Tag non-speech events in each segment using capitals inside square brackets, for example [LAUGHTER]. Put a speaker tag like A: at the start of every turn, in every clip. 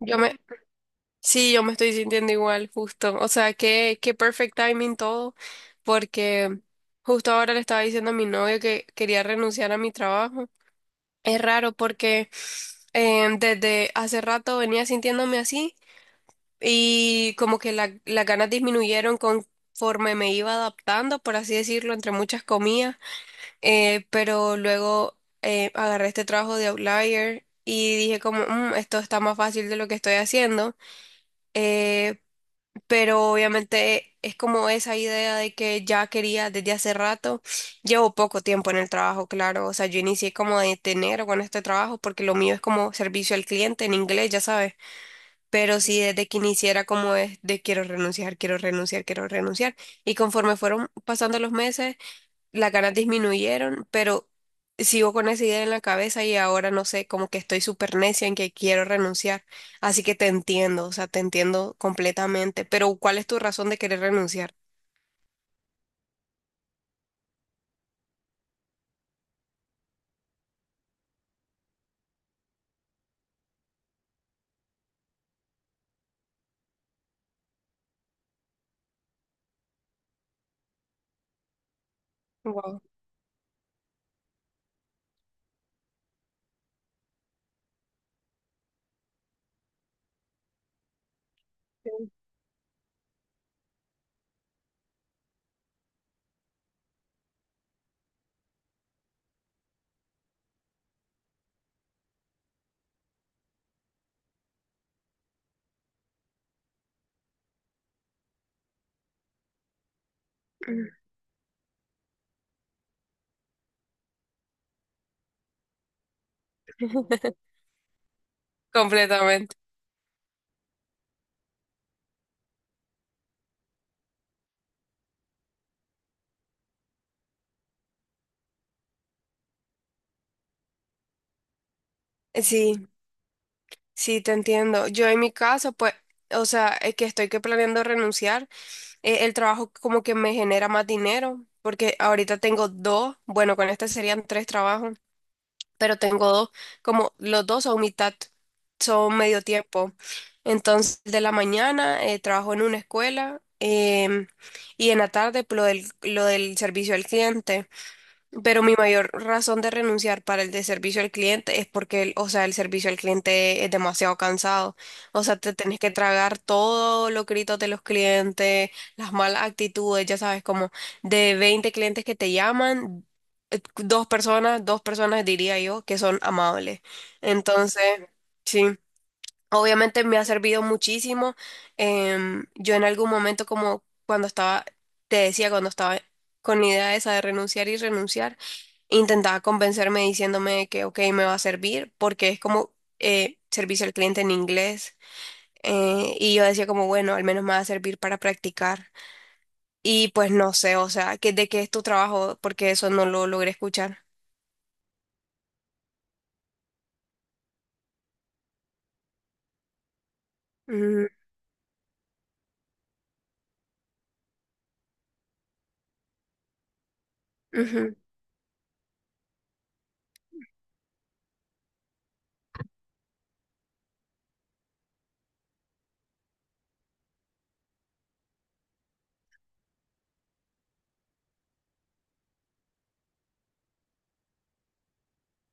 A: Yo me, sí, yo me estoy sintiendo igual, justo. O sea, qué perfect timing todo, porque justo ahora le estaba diciendo a mi novio que quería renunciar a mi trabajo. Es raro porque desde hace rato venía sintiéndome así y como que las ganas disminuyeron conforme me iba adaptando, por así decirlo, entre muchas comillas. Pero luego agarré este trabajo de Outlier y dije como, Esto está más fácil de lo que estoy haciendo." eh, pero obviamente es como esa idea de que ya quería desde hace rato. Llevo poco tiempo en el trabajo, claro, o sea, yo inicié como de enero con este trabajo porque lo mío es como servicio al cliente en inglés, ya sabes, pero sí desde que iniciara como es de quiero renunciar, quiero renunciar, quiero renunciar. Y conforme fueron pasando los meses, las ganas disminuyeron, pero sigo con esa idea en la cabeza y ahora no sé, como que estoy súper necia en que quiero renunciar. Así que te entiendo, o sea, te entiendo completamente. Pero ¿cuál es tu razón de querer renunciar? Wow. [LAUGHS] Completamente. Sí, sí, te entiendo. Yo en mi caso, pues, o sea, es que estoy que planeando renunciar. El trabajo como que me genera más dinero, porque ahorita tengo dos, bueno, con este serían tres trabajos. Pero tengo dos, como los dos son mitad, son medio tiempo. Entonces, de la mañana trabajo en una escuela, y en la tarde pues, lo del servicio al cliente. Pero mi mayor razón de renunciar para el de servicio al cliente es porque, o sea, el servicio al cliente es demasiado cansado. O sea, te tenés que tragar todos los gritos de los clientes, las malas actitudes, ya sabes, como de 20 clientes que te llaman, dos personas diría yo, que son amables. Entonces, sí, obviamente me ha servido muchísimo. Yo en algún momento, como cuando estaba, te decía, cuando estaba con la idea esa de renunciar y renunciar intentaba convencerme diciéndome que, ok, me va a servir, porque es como servicio al cliente en inglés. Y yo decía como, bueno, al menos me va a servir para practicar. Y pues no sé, o sea, que, ¿de qué es tu trabajo? Porque eso no lo logré escuchar. Mm. Ujú.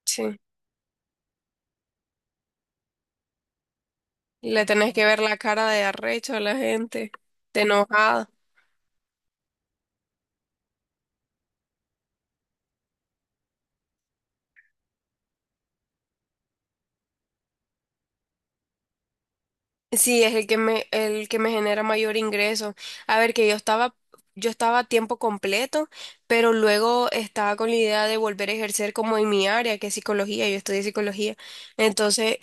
A: Sí. Le tenés que ver la cara de arrecho a la gente, de enojado. Sí, es el que me genera mayor ingreso. A ver, que yo estaba a tiempo completo, pero luego estaba con la idea de volver a ejercer como en mi área, que es psicología, yo estudié psicología. Entonces,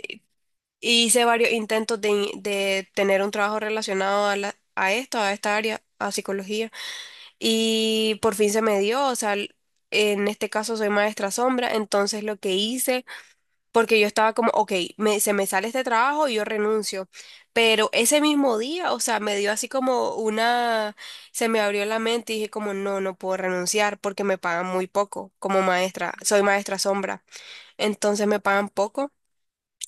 A: hice varios intentos de, de tener un trabajo relacionado a la, a esto, a esta área, a psicología. Y por fin se me dio, o sea, en este caso soy maestra sombra, entonces lo que hice porque yo estaba como, ok, se me sale este trabajo y yo renuncio. Pero ese mismo día, o sea, me dio así como una, se me abrió la mente y dije como, no, no puedo renunciar porque me pagan muy poco como maestra, soy maestra sombra. Entonces me pagan poco.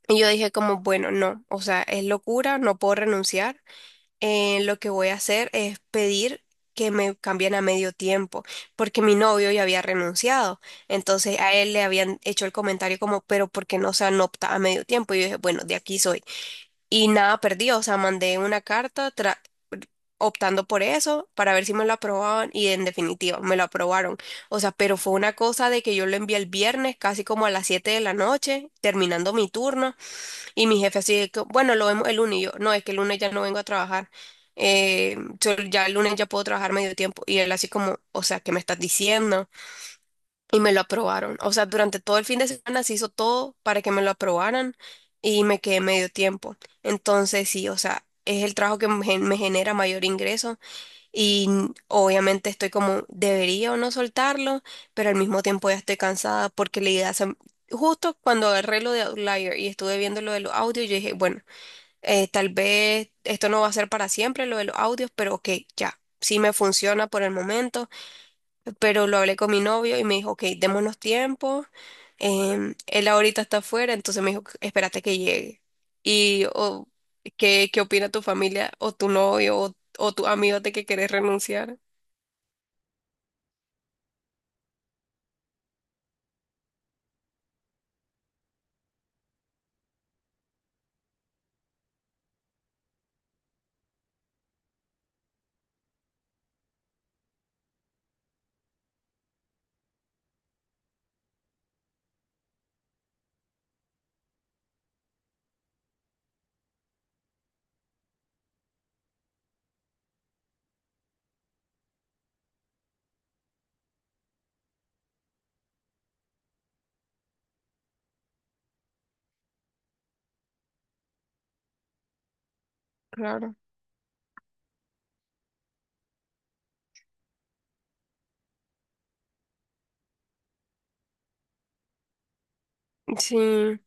A: Y yo dije como, bueno, no, o sea, es locura, no puedo renunciar. Lo que voy a hacer es pedir que me cambien a medio tiempo, porque mi novio ya había renunciado. Entonces a él le habían hecho el comentario como, pero ¿por qué no se anopta a medio tiempo? Y yo dije, bueno, de aquí soy. Y nada perdí, o sea, mandé una carta optando por eso para ver si me lo aprobaban y en definitiva me lo aprobaron. O sea, pero fue una cosa de que yo lo envié el viernes casi como a las 7 de la noche, terminando mi turno. Y mi jefe así de que, bueno, lo vemos el lunes. Y yo, no, es que el lunes ya no vengo a trabajar. Yo ya el lunes ya puedo trabajar medio tiempo. Y él así como, o sea, ¿qué me estás diciendo? Y me lo aprobaron. O sea, durante todo el fin de semana se hizo todo para que me lo aprobaran y me quedé medio tiempo. Entonces, sí, o sea, es el trabajo que me genera mayor ingreso y obviamente estoy como, debería o no soltarlo, pero al mismo tiempo ya estoy cansada porque la idea se- Justo cuando agarré lo de Outlier y estuve viendo lo de los audios, yo dije, bueno, tal vez esto no va a ser para siempre, lo de los audios, pero ok, ya, sí me funciona por el momento, pero lo hablé con mi novio y me dijo, ok, démonos tiempo, él ahorita está afuera, entonces me dijo, espérate que llegue. Y o, ¿qué opina tu familia o tu novio o tu amigo de que querés renunciar? Claro. Sí.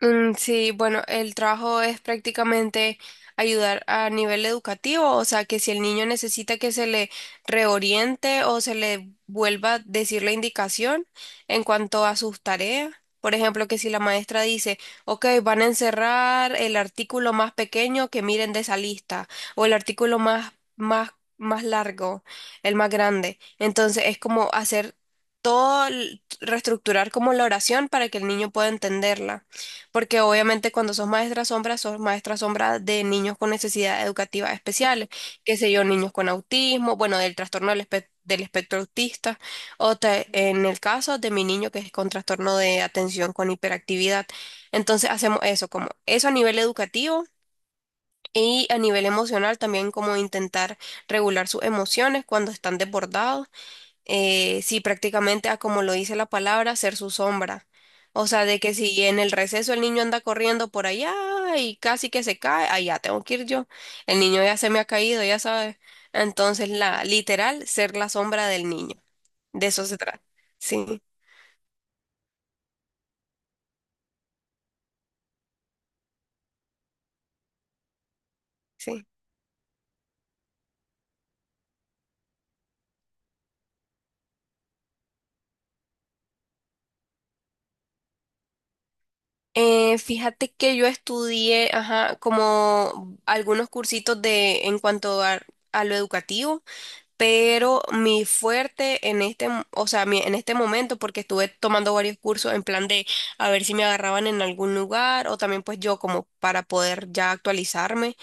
A: Sí, bueno, el trabajo es prácticamente ayudar a nivel educativo, o sea, que si el niño necesita que se le reoriente o se le vuelva a decir la indicación en cuanto a sus tareas, por ejemplo, que si la maestra dice, ok, van a encerrar el artículo más pequeño que miren de esa lista, o el artículo más largo, el más grande, entonces es como hacer todo, reestructurar como la oración para que el niño pueda entenderla. Porque obviamente cuando sos maestra sombra de niños con necesidades educativas especiales, qué sé yo, niños con autismo, bueno, del trastorno del espectro autista, en el caso de mi niño que es con trastorno de atención con hiperactividad. Entonces hacemos eso, como eso a nivel educativo y a nivel emocional también, como intentar regular sus emociones cuando están desbordados. Sí, prácticamente a como lo dice la palabra, ser su sombra. O sea, de que si en el receso el niño anda corriendo por allá y casi que se cae, allá tengo que ir yo. El niño ya se me ha caído, ya sabes. Entonces, la literal, ser la sombra del niño. De eso se trata. Sí, sí. Fíjate que yo estudié, ajá, como algunos cursitos de en cuanto a lo educativo. Pero mi fuerte en este, mo- o sea, mi- en este momento, porque estuve tomando varios cursos en plan de a ver si me agarraban en algún lugar o también pues yo como para poder ya actualizarme,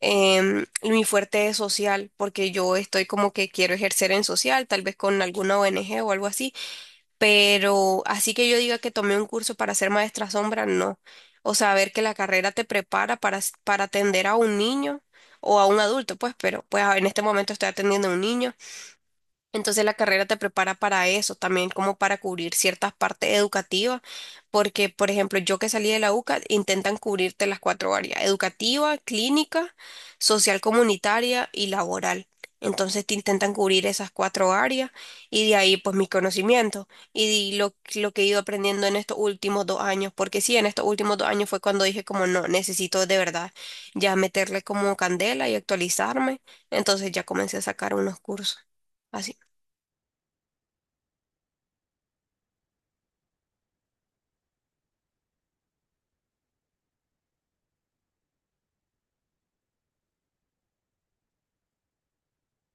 A: mi fuerte es social, porque yo estoy como que quiero ejercer en social, tal vez con alguna ONG o algo así, pero así que yo diga que tomé un curso para ser maestra sombra, no. O sea, ver que la carrera te prepara para, para atender a un niño o a un adulto, pues, pero pues en este momento estoy atendiendo a un niño. Entonces la carrera te prepara para eso, también como para cubrir ciertas partes educativas, porque por ejemplo yo que salí de la UCA intentan cubrirte las cuatro áreas, educativa, clínica, social comunitaria y laboral. Entonces te intentan cubrir esas cuatro áreas y de ahí pues mis conocimientos y lo que he ido aprendiendo en estos últimos 2 años, porque sí, en estos últimos 2 años fue cuando dije como no, necesito de verdad ya meterle como candela y actualizarme, entonces ya comencé a sacar unos cursos. Así.